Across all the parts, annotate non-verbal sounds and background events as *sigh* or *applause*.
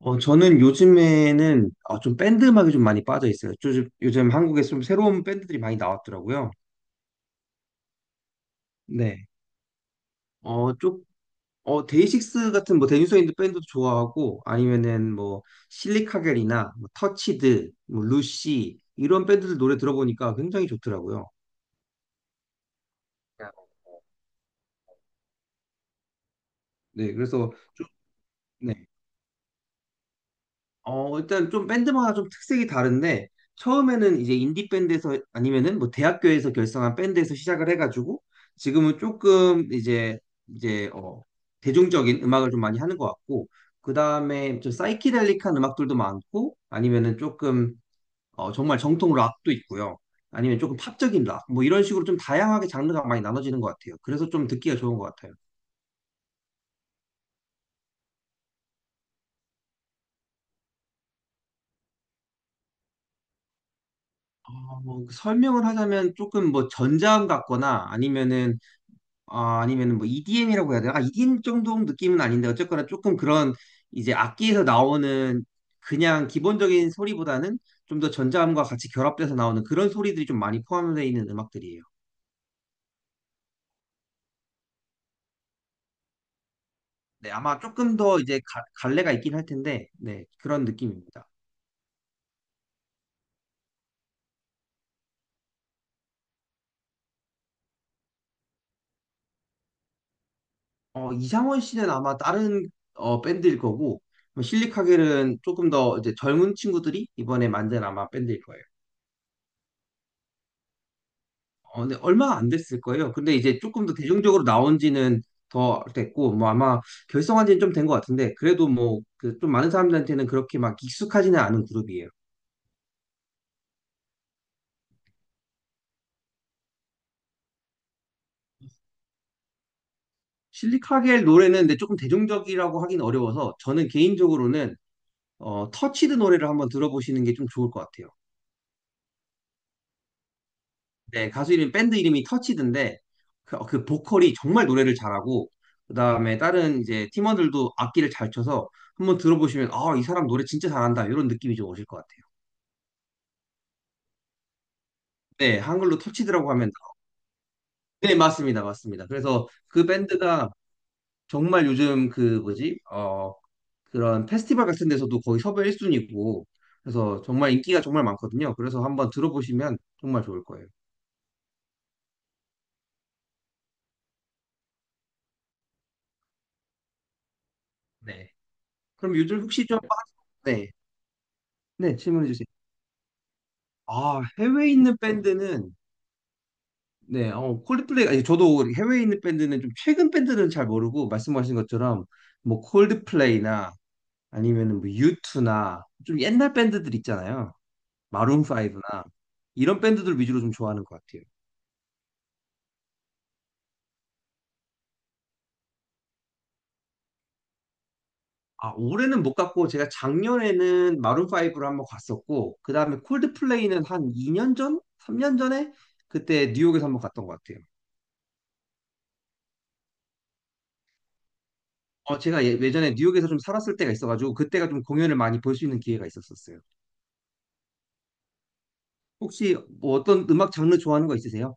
저는 요즘에는 좀 밴드 음악에 좀 많이 빠져 있어요. 요즘 한국에 좀 새로운 밴드들이 많이 나왔더라고요. 네. 어, 쪽, 데이식스 같은 뭐 데니소인드 밴드도 좋아하고 아니면은 뭐 실리카겔이나 뭐 터치드, 뭐 루시 이런 밴드들 노래 들어보니까 굉장히 좋더라고요. 네. 그래서 좀, 네. 일단 좀 밴드마다 좀 특색이 다른데, 처음에는 이제 인디 밴드에서 아니면은 뭐 대학교에서 결성한 밴드에서 시작을 해가지고, 지금은 조금 이제 대중적인 음악을 좀 많이 하는 것 같고, 그 다음에 좀 사이키델릭한 음악들도 많고, 아니면은 조금, 정말 정통 락도 있고요. 아니면 조금 팝적인 락, 뭐 이런 식으로 좀 다양하게 장르가 많이 나눠지는 것 같아요. 그래서 좀 듣기가 좋은 것 같아요. 뭐 설명을 하자면 조금 뭐 전자음 같거나 아니면은 아니면 뭐 EDM이라고 해야 되나? EDM 정도 느낌은 아닌데 어쨌거나 조금 그런 이제 악기에서 나오는 그냥 기본적인 소리보다는 좀 더 전자음과 같이 결합돼서 나오는 그런 소리들이 좀 많이 포함되어 있는 음악들이에요. 네, 아마 조금 더 이제 갈래가 있긴 할 텐데, 네, 그런 느낌입니다. 이상원 씨는 아마 다른 밴드일 거고, 뭐 실리카겔은 조금 더 이제 젊은 친구들이 이번에 만든 아마 밴드일 거예요. 네, 얼마 안 됐을 거예요. 근데 이제 조금 더 대중적으로 나온 지는 더 됐고, 뭐 아마 결성한 지는 좀 된 것 같은데, 그래도 뭐, 그 좀 많은 사람들한테는 그렇게 막 익숙하지는 않은 그룹이에요. 실리카겔 노래는 근데 조금 대중적이라고 하긴 어려워서, 저는 개인적으로는, 터치드 노래를 한번 들어보시는 게 좀 좋을 것 같아요. 네, 가수 이름, 밴드 이름이 터치드인데, 그, 그 보컬이 정말 노래를 잘하고, 그 다음에 다른 이제 팀원들도 악기를 잘 쳐서 한번 들어보시면, 아, 이 사람 노래 진짜 잘한다, 이런 느낌이 좀 오실 것 같아요. 네, 한글로 터치드라고 하면 네, 맞습니다. 맞습니다. 그래서 그 밴드가 정말 요즘 그 뭐지? 그런 페스티벌 같은 데서도 거의 섭외 1순위고 그래서 정말 인기가 정말 많거든요. 그래서 한번 들어보시면 정말 좋을 거예요. 네. 그럼 요즘 혹시 좀 네. 네, 질문해 주세요. 아, 해외에 있는 밴드는 네, 콜드플레이 아니 저도 해외에 있는 밴드는 좀 최근 밴드는 잘 모르고 말씀하신 것처럼 뭐 콜드플레이나 아니면은 뭐 유투나 좀 옛날 밴드들 있잖아요. 마룬 5나 이런 밴드들 위주로 좀 좋아하는 것 같아요. 아, 올해는 못 갔고 제가 작년에는 마룬 5를 한번 갔었고 그다음에 콜드플레이는 한 2년 전, 3년 전에 그때 뉴욕에서 한번 갔던 것 같아요. 제가 예전에 뉴욕에서 좀 살았을 때가 있어가지고 그때가 좀 공연을 많이 볼 수 있는 기회가 있었었어요. 혹시 뭐 어떤 음악 장르 좋아하는 거 있으세요?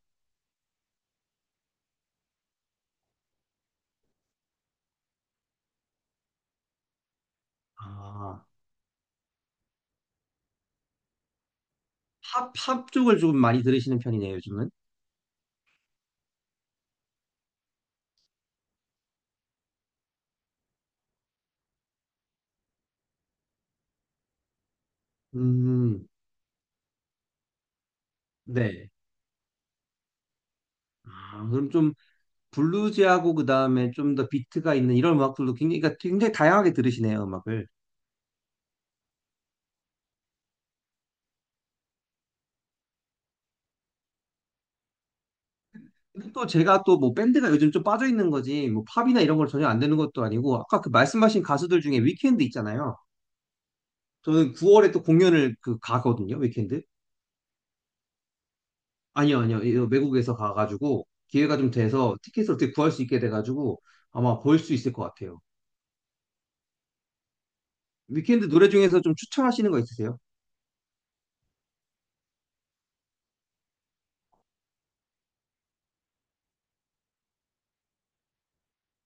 아, 팝 쪽을 좀 많이 들으시는 편이네요, 요즘은. 음, 네. 아, 그럼 좀 블루지하고 그다음에 좀 더 비트가 있는 이런 음악들도 굉장히 그러니까 굉장히 다양하게 들으시네요, 음악을. 근데 또 제가 또 뭐 밴드가 요즘 좀 빠져 있는 거지 뭐 팝이나 이런 걸 전혀 안 되는 것도 아니고 아까 그 말씀하신 가수들 중에 위켄드 있잖아요. 저는 9월에 또 공연을 그 가거든요, 위켄드. 아니요, 아니요. 이거 외국에서 가가지고 기회가 좀 돼서 티켓을 어떻게 구할 수 있게 돼가지고 아마 볼 수 있을 것 같아요. 위켄드 노래 중에서 좀 추천하시는 거 있으세요?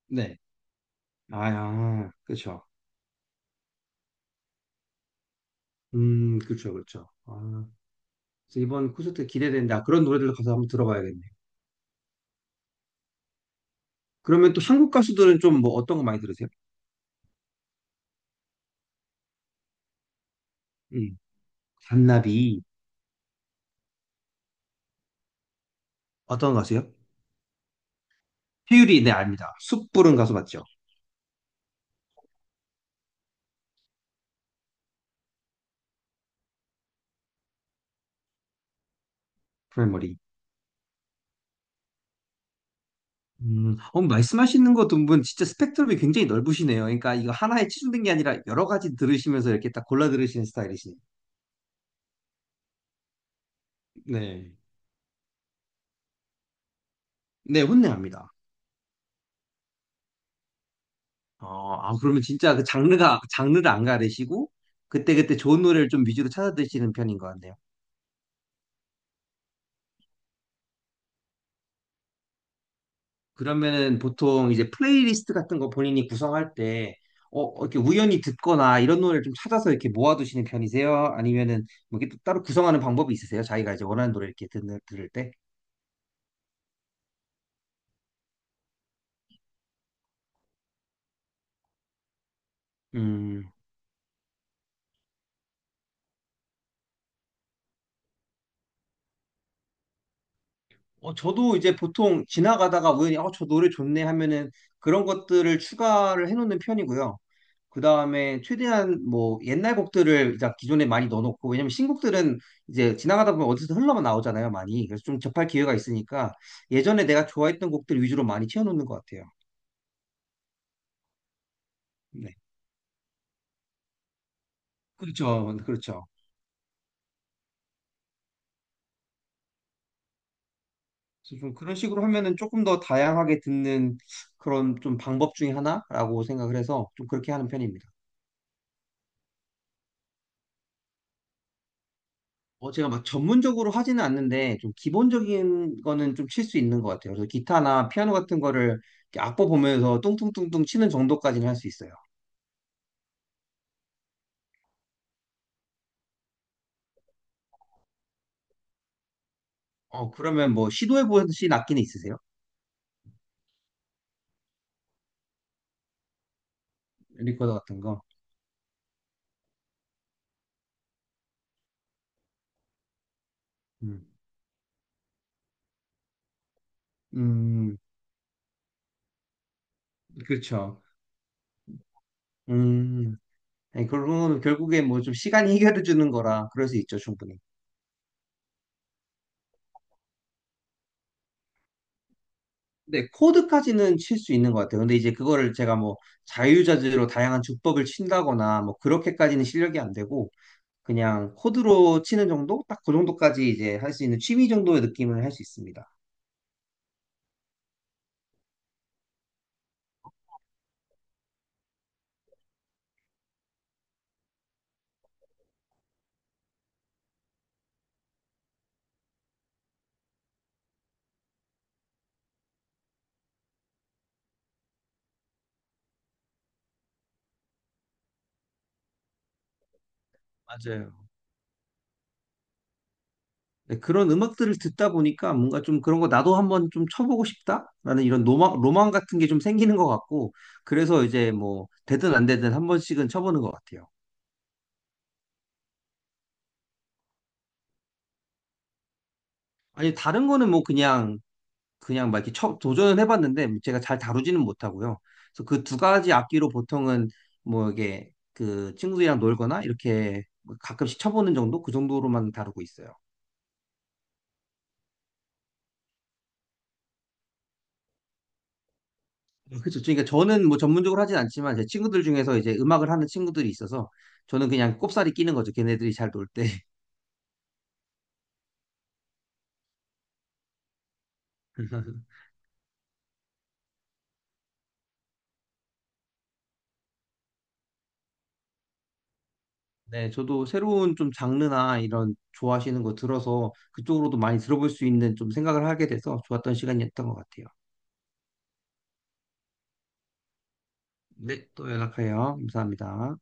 네. 아, 아, 그렇죠. 그렇죠, 그렇죠. 그래서 이번 콘서트 기대된다. 그런 노래들도 가서 한번 들어봐야겠네. 그러면 또 한국 가수들은 좀 뭐 어떤 거 많이 들으세요? 음, 잔나비 어떤 가수요? 태율이 네 압니다. 숯 부른 가수 맞죠? 프라이머리. 말씀하시는 거 두분 진짜 스펙트럼이 굉장히 넓으시네요. 그러니까 이거 하나에 치중된 게 아니라 여러 가지 들으시면서 이렇게 딱 골라 들으시는 스타일이시네요. 네. 네, 혼내합니다. 그러면 진짜 그 장르가 장르를 안 가리시고 그때그때 좋은 노래를 좀 위주로 찾아 드시는 편인 것 같네요. 그러면은 보통 이제 플레이리스트 같은 거 본인이 구성할 때, 이렇게 우연히 듣거나 이런 노래를 좀 찾아서 이렇게 모아두시는 편이세요? 아니면은 뭐 이렇게 또 따로 구성하는 방법이 있으세요? 자기가 이제 원하는 노래 이렇게 듣는, 들을 때? 음, 저도 이제 보통 지나가다가 우연히, 저 노래 좋네 하면은 그런 것들을 추가를 해놓는 편이고요. 그 다음에 최대한 뭐 옛날 곡들을 이제 기존에 많이 넣어놓고 왜냐면 신곡들은 이제 지나가다 보면 어디서 흘러만 나오잖아요 많이 그래서 좀 접할 기회가 있으니까 예전에 내가 좋아했던 곡들 위주로 많이 채워놓는 것 같아요. 네. 그렇죠, 그렇죠. 그래서 좀 그런 식으로 하면은 조금 더 다양하게 듣는 그런 좀 방법 중에 하나라고 생각을 해서 좀 그렇게 하는 편입니다. 제가 막 전문적으로 하지는 않는데 좀 기본적인 거는 좀 칠 수 있는 것 같아요. 그래서 기타나 피아노 같은 거를 이렇게 악보 보면서 뚱뚱뚱뚱 치는 정도까지는 할 수 있어요. 그러면 뭐 시도해 보신 악기는 있으세요? 리코더 같은 거. 음, 음, 그렇죠. 음, 아니, 그러면 결국에 뭐 좀 시간이 해결해 주는 거라 그럴 수 있죠, 충분히. 근데 코드까지는 칠 수 있는 것 같아요. 근데 이제 그거를 제가 뭐 자유자재로 다양한 주법을 친다거나 뭐 그렇게까지는 실력이 안 되고 그냥 코드로 치는 정도? 딱 그 정도까지 이제 할 수 있는 취미 정도의 느낌을 할 수 있습니다. 맞아요. 네, 그런 음악들을 듣다 보니까 뭔가 좀 그런 거 나도 한번 좀 쳐보고 싶다라는 이런 로망, 로망 같은 게 좀 생기는 것 같고, 그래서 이제 뭐, 되든 안 되든 한 번씩은 쳐보는 것 같아요. 아니, 다른 거는 뭐 그냥, 그냥 막 이렇게 쳐, 도전을 해봤는데 제가 잘 다루지는 못하고요. 그래서 그 두 가지 악기로 보통은 뭐 이게 그 친구들이랑 놀거나 이렇게 가끔씩 쳐보는 정도? 그 정도로만 다루고 있어요. 그렇죠. 그러니까 저는 뭐 전문적으로 하진 않지만 제 친구들 중에서 이제 음악을 하는 친구들이 있어서 저는 그냥 꼽사리 끼는 거죠. 걔네들이 잘 놀 때. *laughs* 네, 저도 새로운 좀 장르나 이런 좋아하시는 거 들어서 그쪽으로도 많이 들어볼 수 있는 좀 생각을 하게 돼서 좋았던 시간이었던 것 같아요. 네, 또 연락해요. 감사합니다.